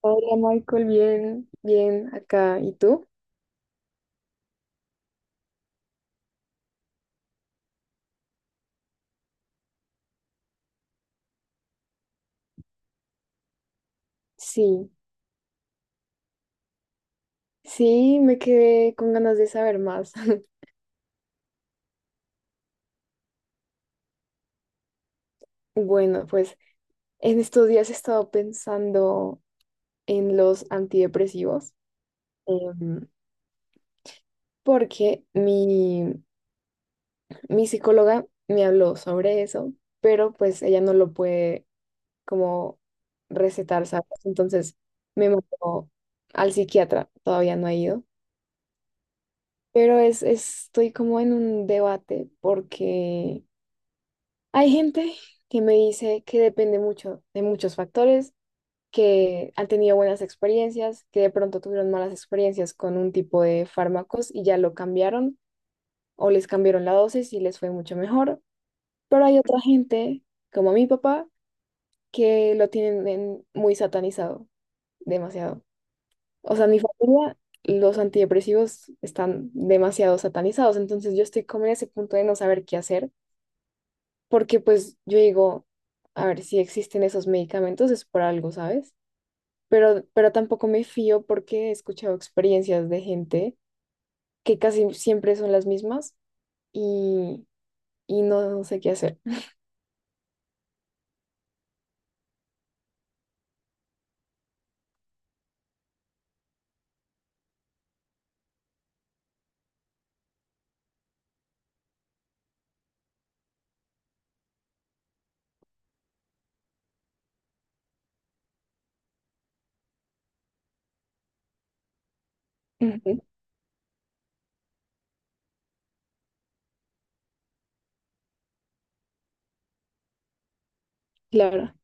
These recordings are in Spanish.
Hola Michael, bien, bien acá. ¿Y tú? Sí, sí, me quedé con ganas de saber más. Bueno, pues en estos días he estado pensando en los antidepresivos, em, porque mi psicóloga me habló sobre eso, pero pues ella no lo puede como recetar, ¿sabes? Entonces me mandó al psiquiatra, todavía no he ido, pero estoy como en un debate porque... Hay gente que me dice que depende mucho de muchos factores, que han tenido buenas experiencias, que de pronto tuvieron malas experiencias con un tipo de fármacos y ya lo cambiaron o les cambiaron la dosis y les fue mucho mejor. Pero hay otra gente, como mi papá, que lo muy satanizado, demasiado. O sea, mi familia, los antidepresivos están demasiado satanizados, entonces yo estoy como en ese punto de no saber qué hacer porque pues yo digo, a ver, si existen esos medicamentos es por algo, ¿sabes? Pero tampoco me fío porque he escuchado experiencias de gente que casi siempre son las mismas y, y no sé qué hacer. Ujú. Claro.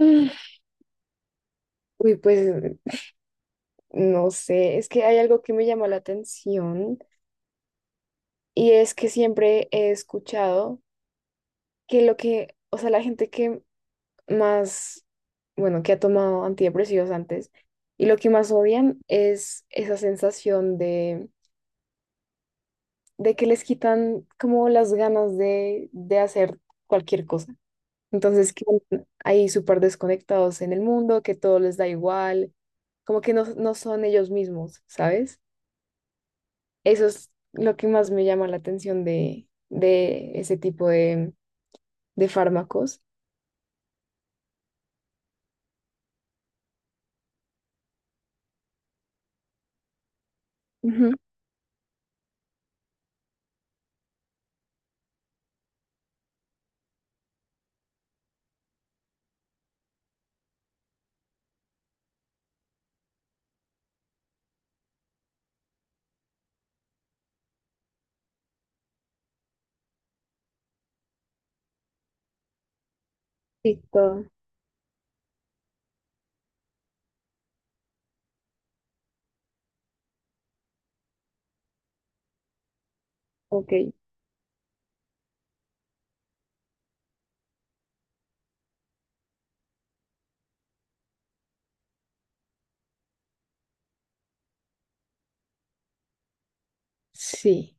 Mm. Uy, pues no sé, es que hay algo que me llama la atención y es que siempre he escuchado que lo que, o sea, la gente que más, bueno, que ha tomado antidepresivos antes, y lo que más odian es esa sensación de que les quitan como las ganas de hacer cualquier cosa. Entonces, que ahí súper desconectados en el mundo, que todo les da igual, como que no son ellos mismos, ¿sabes? Eso es lo que más me llama la atención de ese tipo de fármacos. Ujú. Sí, todo. Ok. Sí.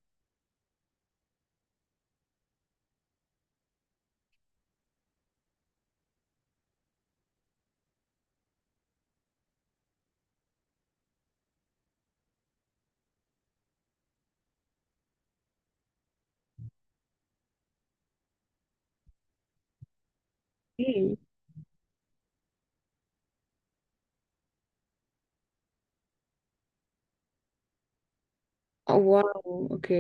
Sí. Oh, wow, ok.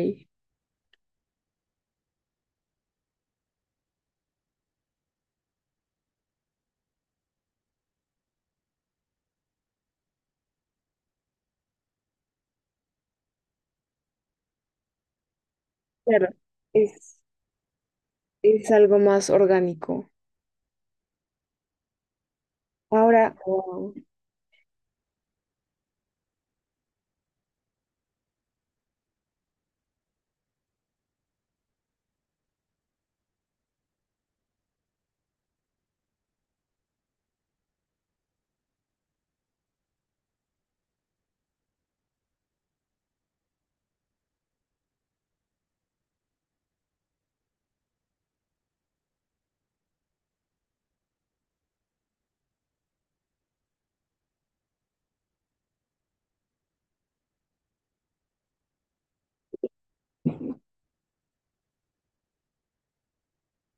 Claro, es, es algo más orgánico. Ahora, wow. Ujú.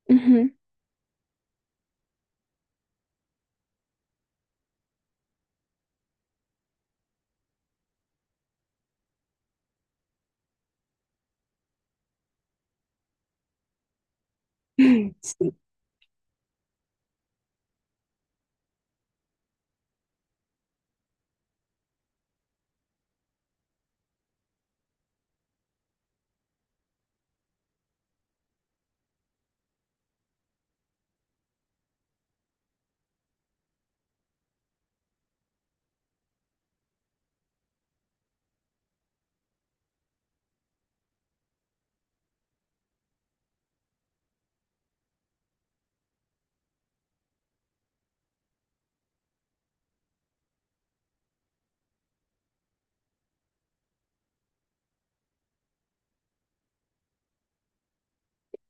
Sí,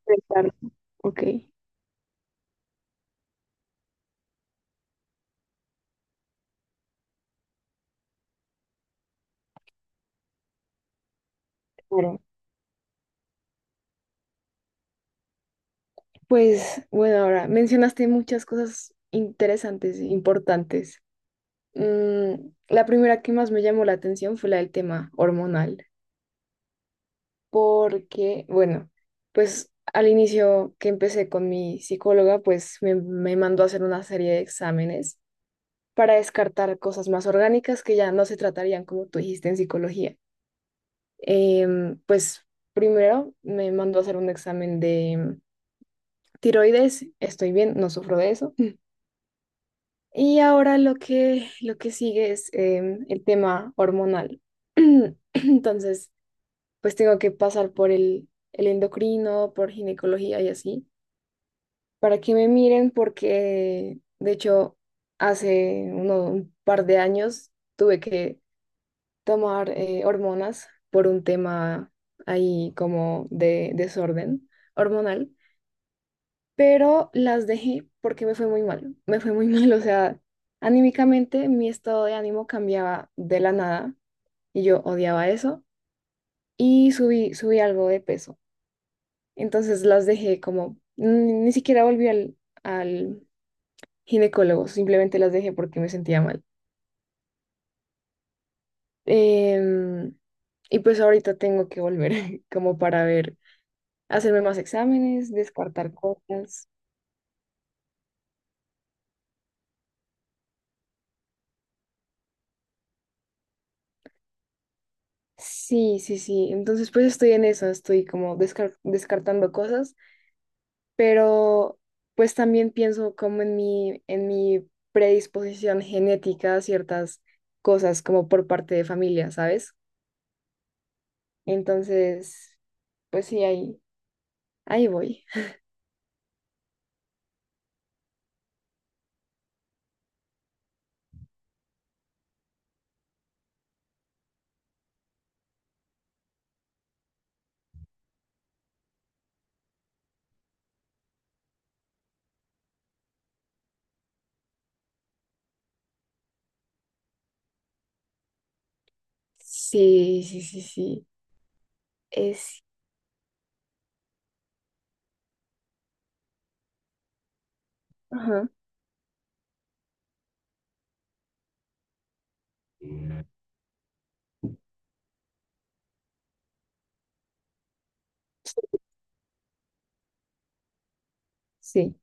pensarlo. Ok, claro. Pues bueno, ahora mencionaste muchas cosas interesantes e importantes. Mm, la primera que más me llamó la atención fue la del tema hormonal, porque, bueno, pues al inicio que empecé con mi psicóloga, pues me mandó a hacer una serie de exámenes para descartar cosas más orgánicas que ya no se tratarían, como tú dijiste, en psicología. Pues primero me mandó a hacer un examen de tiroides, estoy bien, no sufro de eso. Y ahora lo que sigue es el tema hormonal. Entonces, pues tengo que pasar por el endocrino, por ginecología y así, para que me miren porque, de hecho, hace un par de años tuve que tomar hormonas por un tema ahí como de desorden hormonal, pero las dejé porque me fue muy mal, me fue muy mal, o sea, anímicamente mi estado de ánimo cambiaba de la nada y yo odiaba eso y subí algo de peso. Entonces las dejé como, ni siquiera volví al ginecólogo, simplemente las dejé porque me sentía mal. Em, y pues ahorita tengo que volver como para ver hacerme más exámenes, descartar cosas. Sí, sí, sí. Entonces, pues estoy en eso, estoy como descartando cosas, pero pues también pienso como en en mi predisposición genética a ciertas cosas, como por parte de familia, ¿sabes? Entonces, pues sí, ahí voy. Sí, sí, sí, sí. Es, ajá, sí.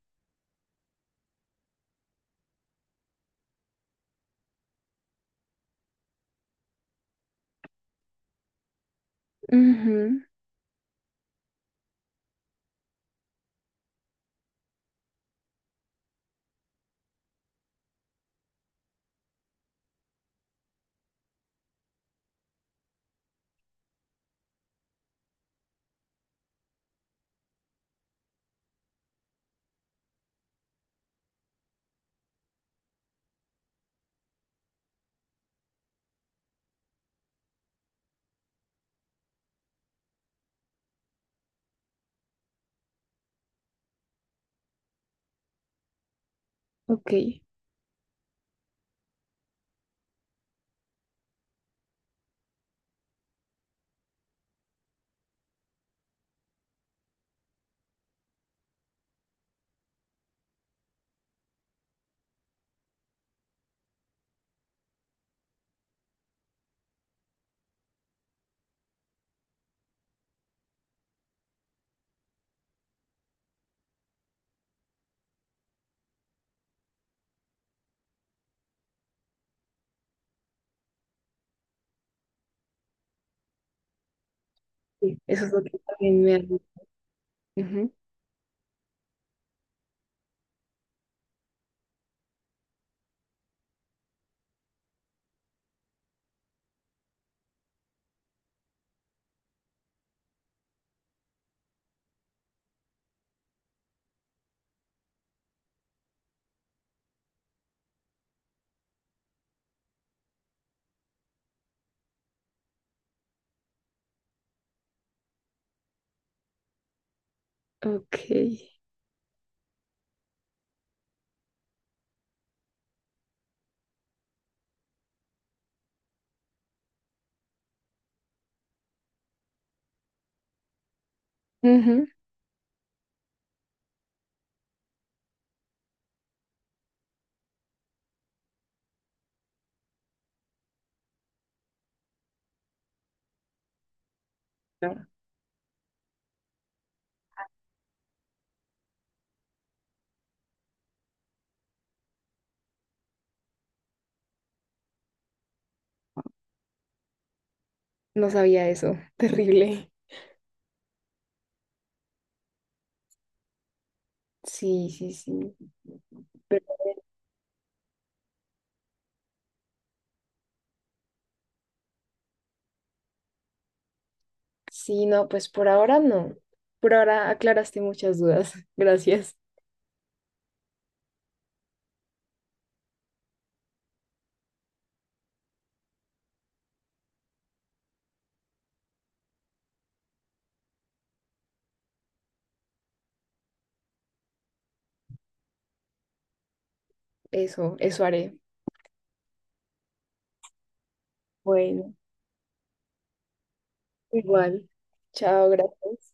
Ujú. Ok. Sí, eso es lo que también me ha... Ujú. Ok. Ujú. No, no sabía eso. Terrible. Sí, sí, sí. Pero sí, no, pues por ahora no. Por ahora aclaraste muchas dudas. Gracias. Eso haré. Bueno, igual. Chao, gracias.